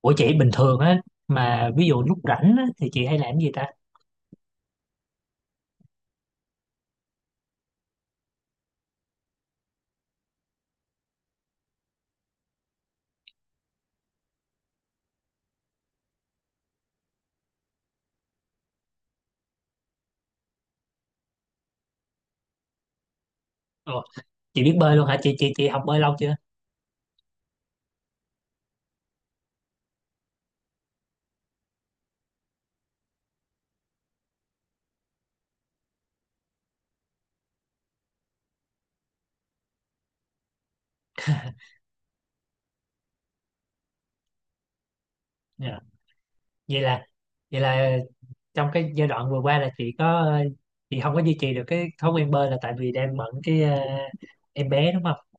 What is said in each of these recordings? Ủa chị bình thường á, mà ví dụ lúc rảnh á, thì chị hay làm gì ta? Ồ, chị biết bơi luôn hả? Chị học bơi lâu chưa? Dạ. Vậy là vậy là trong cái giai đoạn vừa qua là chị không có duy trì được cái thói quen bơi là tại vì đang bận cái em bé đúng không?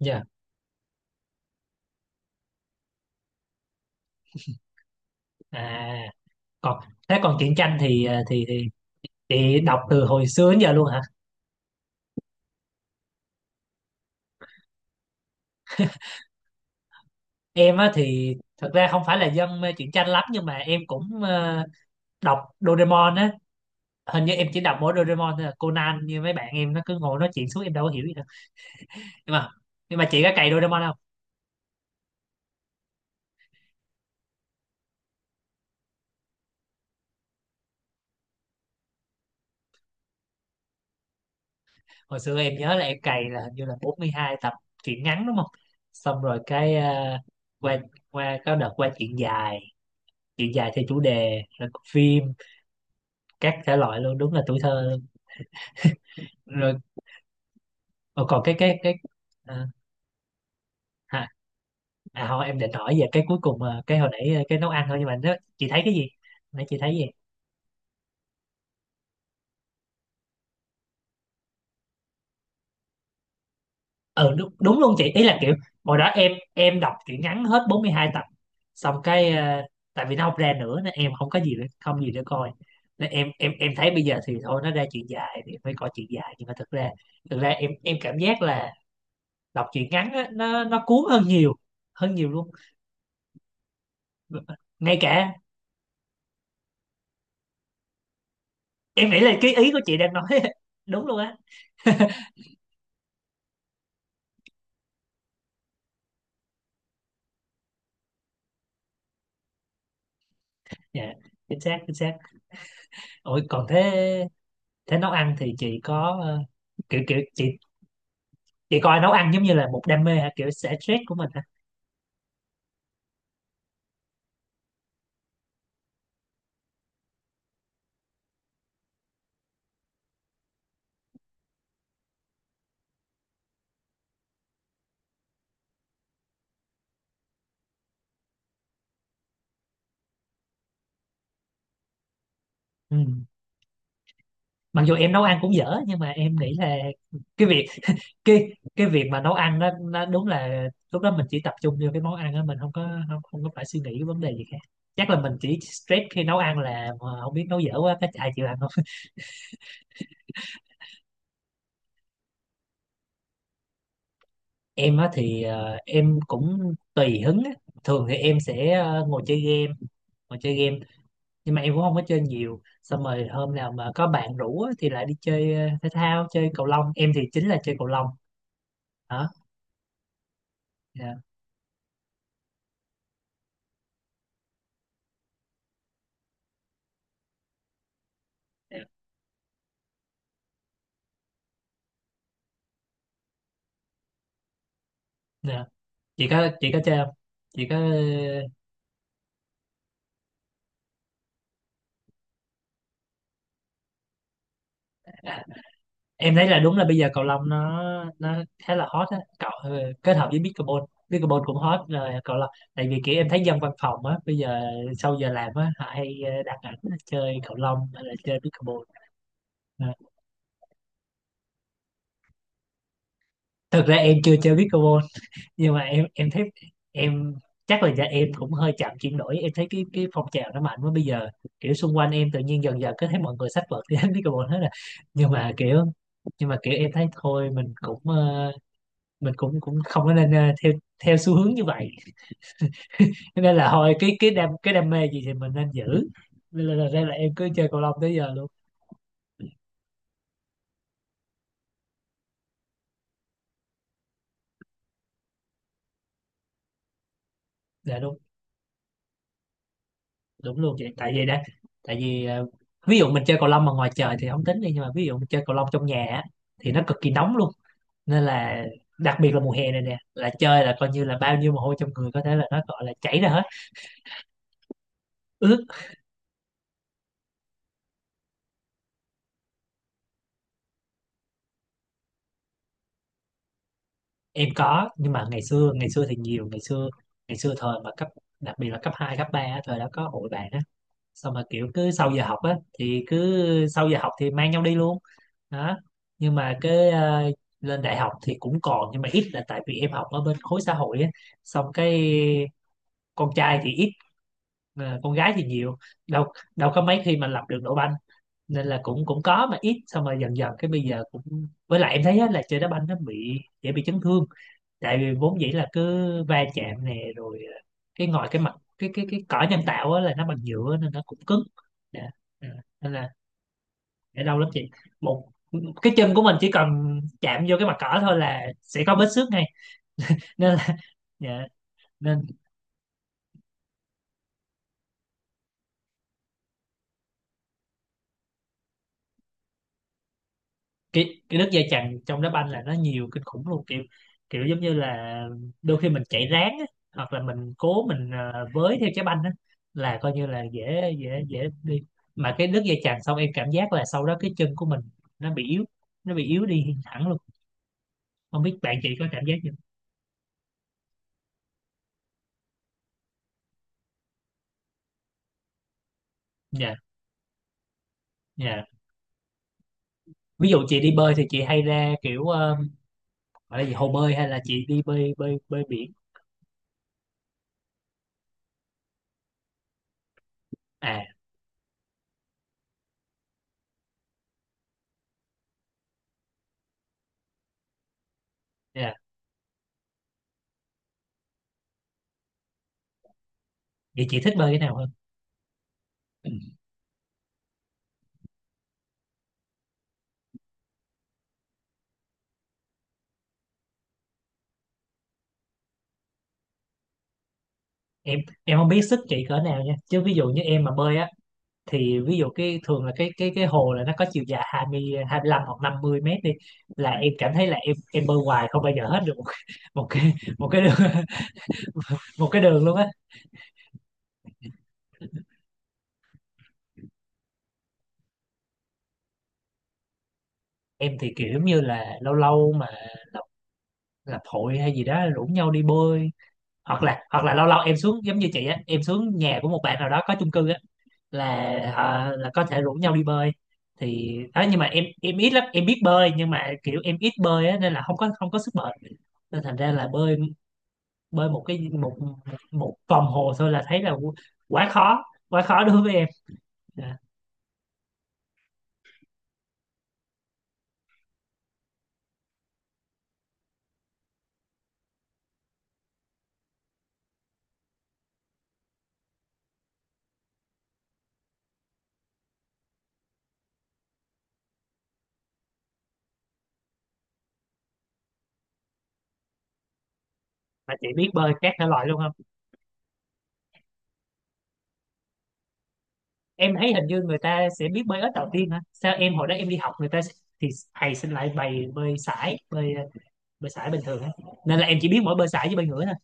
Dạ. À còn Thế còn truyện tranh thì chị đọc từ hồi xưa đến giờ luôn hả? Em á thì thật ra không phải là dân mê truyện tranh lắm, nhưng mà em cũng đọc Doraemon á. Hình như em chỉ đọc mỗi Doraemon thôi à. Conan như mấy bạn em nó cứ ngồi nói chuyện suốt, em đâu có hiểu gì đâu. Nhưng mà nhưng mà chị có cày Doraemon không? Hồi xưa em nhớ là em cày là hình như là 42 tập truyện ngắn đúng không? Xong rồi cái qua qua có đợt qua chuyện dài theo chủ đề, rồi có phim các thể loại luôn, đúng là tuổi thơ luôn. Rồi, ờ, còn à, hả? Thôi em định hỏi về cái cuối cùng cái hồi nãy cái nấu ăn thôi, nhưng mà nó, chị thấy cái gì, nãy chị thấy gì? Ừ đúng, đúng luôn, chị ý là kiểu hồi đó em đọc truyện ngắn hết 42 tập, xong cái tại vì nó không ra nữa nên em không có gì để, không gì để coi, nên em thấy bây giờ thì thôi nó ra truyện dài thì phải coi truyện dài. Nhưng mà thực ra em cảm giác là đọc truyện ngắn á, nó cuốn hơn nhiều, hơn nhiều luôn. Ngay cả Em nghĩ là cái ý của chị đang nói đúng luôn á. Dạ, chính xác, chính xác. Ôi, còn thế, nấu ăn thì chị có kiểu kiểu chị coi nấu ăn giống như là một đam mê hả, kiểu xả stress của mình hả? Ừ. Mặc dù em nấu ăn cũng dở nhưng mà em nghĩ là cái việc cái cái việc mà nấu ăn đó, nó đúng là lúc đó mình chỉ tập trung vô cái món ăn đó, mình không có phải suy nghĩ cái vấn đề gì khác. Chắc là mình chỉ stress khi nấu ăn là mà không biết nấu dở quá cái ai chịu ăn không. Em á thì em cũng tùy hứng á. Thường thì em sẽ ngồi chơi game, ngồi chơi game nhưng mà em cũng không có chơi nhiều. Xong rồi hôm nào mà có bạn rủ á, thì lại đi chơi thể thao, chơi cầu lông. Em thì chính là chơi cầu lông đó. Dạ. Dạ. Chị có chơi không? Chị có. ờ, em thấy là đúng là bây giờ cầu lông nó khá là hot á cậu. Ờ, Kết hợp với pickleball, pickleball cũng hot rồi cầu lông. Tại vì kiểu em thấy dân văn phòng á bây giờ sau giờ làm á, họ hay đăng ảnh chơi cầu lông hay là chơi pickleball. Dạ. Thực ra em chưa chơi pickleball, nhưng mà em thấy em chắc là dạ em cũng hơi chậm chuyển đổi. Em thấy cái phong trào nó mạnh quá bây giờ, kiểu xung quanh em tự nhiên dần dần cứ thấy mọi người xách vợt đi hết pickleball hết rồi. Nhưng mà kiểu em thấy thôi mình cũng mình cũng cũng không có nên theo theo xu hướng như vậy. Cho nên là thôi cái đam mê gì thì mình nên giữ. Nên là, ra là em cứ chơi cầu lông tới giờ luôn. Dạ đúng, đúng luôn vậy. Tại vì đó, tại vì ví dụ mình chơi cầu lông mà ngoài trời thì không tính đi. Nhưng mà ví dụ mình chơi cầu lông trong nhà á, thì nó cực kỳ nóng luôn, nên là đặc biệt là mùa hè này nè là chơi là coi như là bao nhiêu mồ hôi trong người có thể là nó gọi là chảy ra hết, ướt. Em có, nhưng mà ngày xưa, ngày xưa thì nhiều. Ngày xưa, ngày xưa thời mà cấp, đặc biệt là cấp 2 cấp ba á, thời đó có hội bạn á. Xong mà kiểu cứ sau giờ học á thì cứ sau giờ học thì mang nhau đi luôn đó. Nhưng mà cái lên đại học thì cũng còn nhưng mà ít, là tại vì em học ở bên khối xã hội á. Xong cái con trai thì ít, con gái thì nhiều, đâu đâu có mấy khi mà lập được đội banh. Nên là cũng cũng có mà ít. Xong rồi dần dần cái bây giờ cũng, với lại em thấy á, là chơi đá banh nó bị dễ bị chấn thương. Tại vì vốn dĩ là cứ va chạm nè, rồi cái ngoài cái mặt cái cỏ nhân tạo á, là nó bằng nhựa nên nó cũng cứng. Dạ. Ừ. Nên là để đau lắm chị, một cái chân của mình chỉ cần chạm vô cái mặt cỏ thôi là sẽ có vết xước ngay, nên là dạ. Nên cái nước dây chằn trong đá banh là nó nhiều kinh khủng luôn, kiểu kiểu giống như là đôi khi mình chạy ráng á, hoặc là mình cố, mình với theo trái banh á, là coi như là dễ dễ dễ đi. Mà cái nước dây chằn xong em cảm giác là sau đó cái chân của mình nó bị yếu nó bị yếu đi hẳn luôn, không biết bạn chị có cảm giác gì không? Dạ. Dạ. Ví dụ chị đi bơi thì chị hay ra kiểu gọi là gì hồ bơi, hay là chị đi bơi bơi bơi biển? À, dạ, vậy chị thích bơi cái nào hơn? Ừ. em em không biết sức chị cỡ nào nha, chứ ví dụ như em mà bơi á, thì ví dụ cái thường là cái hồ là nó có chiều dài 20 25 hoặc 50 mét đi, là em cảm thấy là em bơi hoài không bao giờ hết được một, một cái một cái đường, một cái đường luôn á. Em thì kiểu như là lâu lâu mà lập lập hội hay gì đó rủ nhau đi bơi, hoặc là lâu lâu em xuống giống như chị á, em xuống nhà của một bạn nào đó có chung cư á, là có thể rủ nhau đi bơi thì đó. Nhưng mà em ít lắm, em biết bơi nhưng mà kiểu em ít bơi á nên là không có sức bền. Nên thành ra là bơi bơi một cái một một vòng hồ thôi là thấy là quá khó quá khó đối với em. Dạ. Mà chị biết bơi các thể loại luôn không? Em thấy hình như người ta sẽ biết bơi ếch đầu tiên hả, sao em hồi đó em đi học người ta thì thầy xin lại bày bơi sải bơi bơi sải bình thường á. Nên là em chỉ biết mỗi bơi sải với bơi ngửa thôi.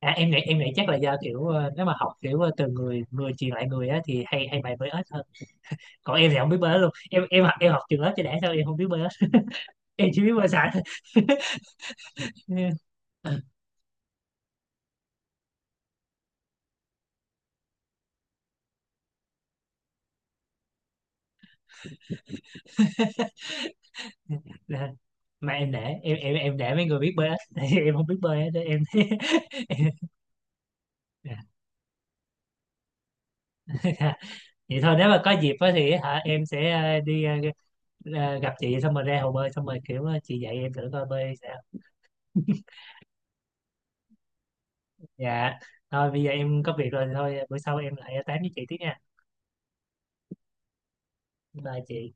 Em nghĩ, chắc là do kiểu nếu mà học kiểu từ người người truyền lại người á thì hay hay bày bơi ếch hơn. Còn em thì không biết bơi ếch luôn, em học trường lớp cho đã sao em không biết bơi ếch. Em chỉ biết bơi sải thôi. Nè, mà em để để mấy người biết bơi á. Tại vì em không biết bơi á, để em em- vậy thôi, nếu mà có dịp á thì hả em sẽ đi gặp chị xong rồi ra hồ bơi xong rồi kiểu chị dạy em thử coi bơi sao. Dạ, thôi bây giờ em có việc rồi thì thôi, bữa sau em lại tám với chị tiếp nha. Bye chị.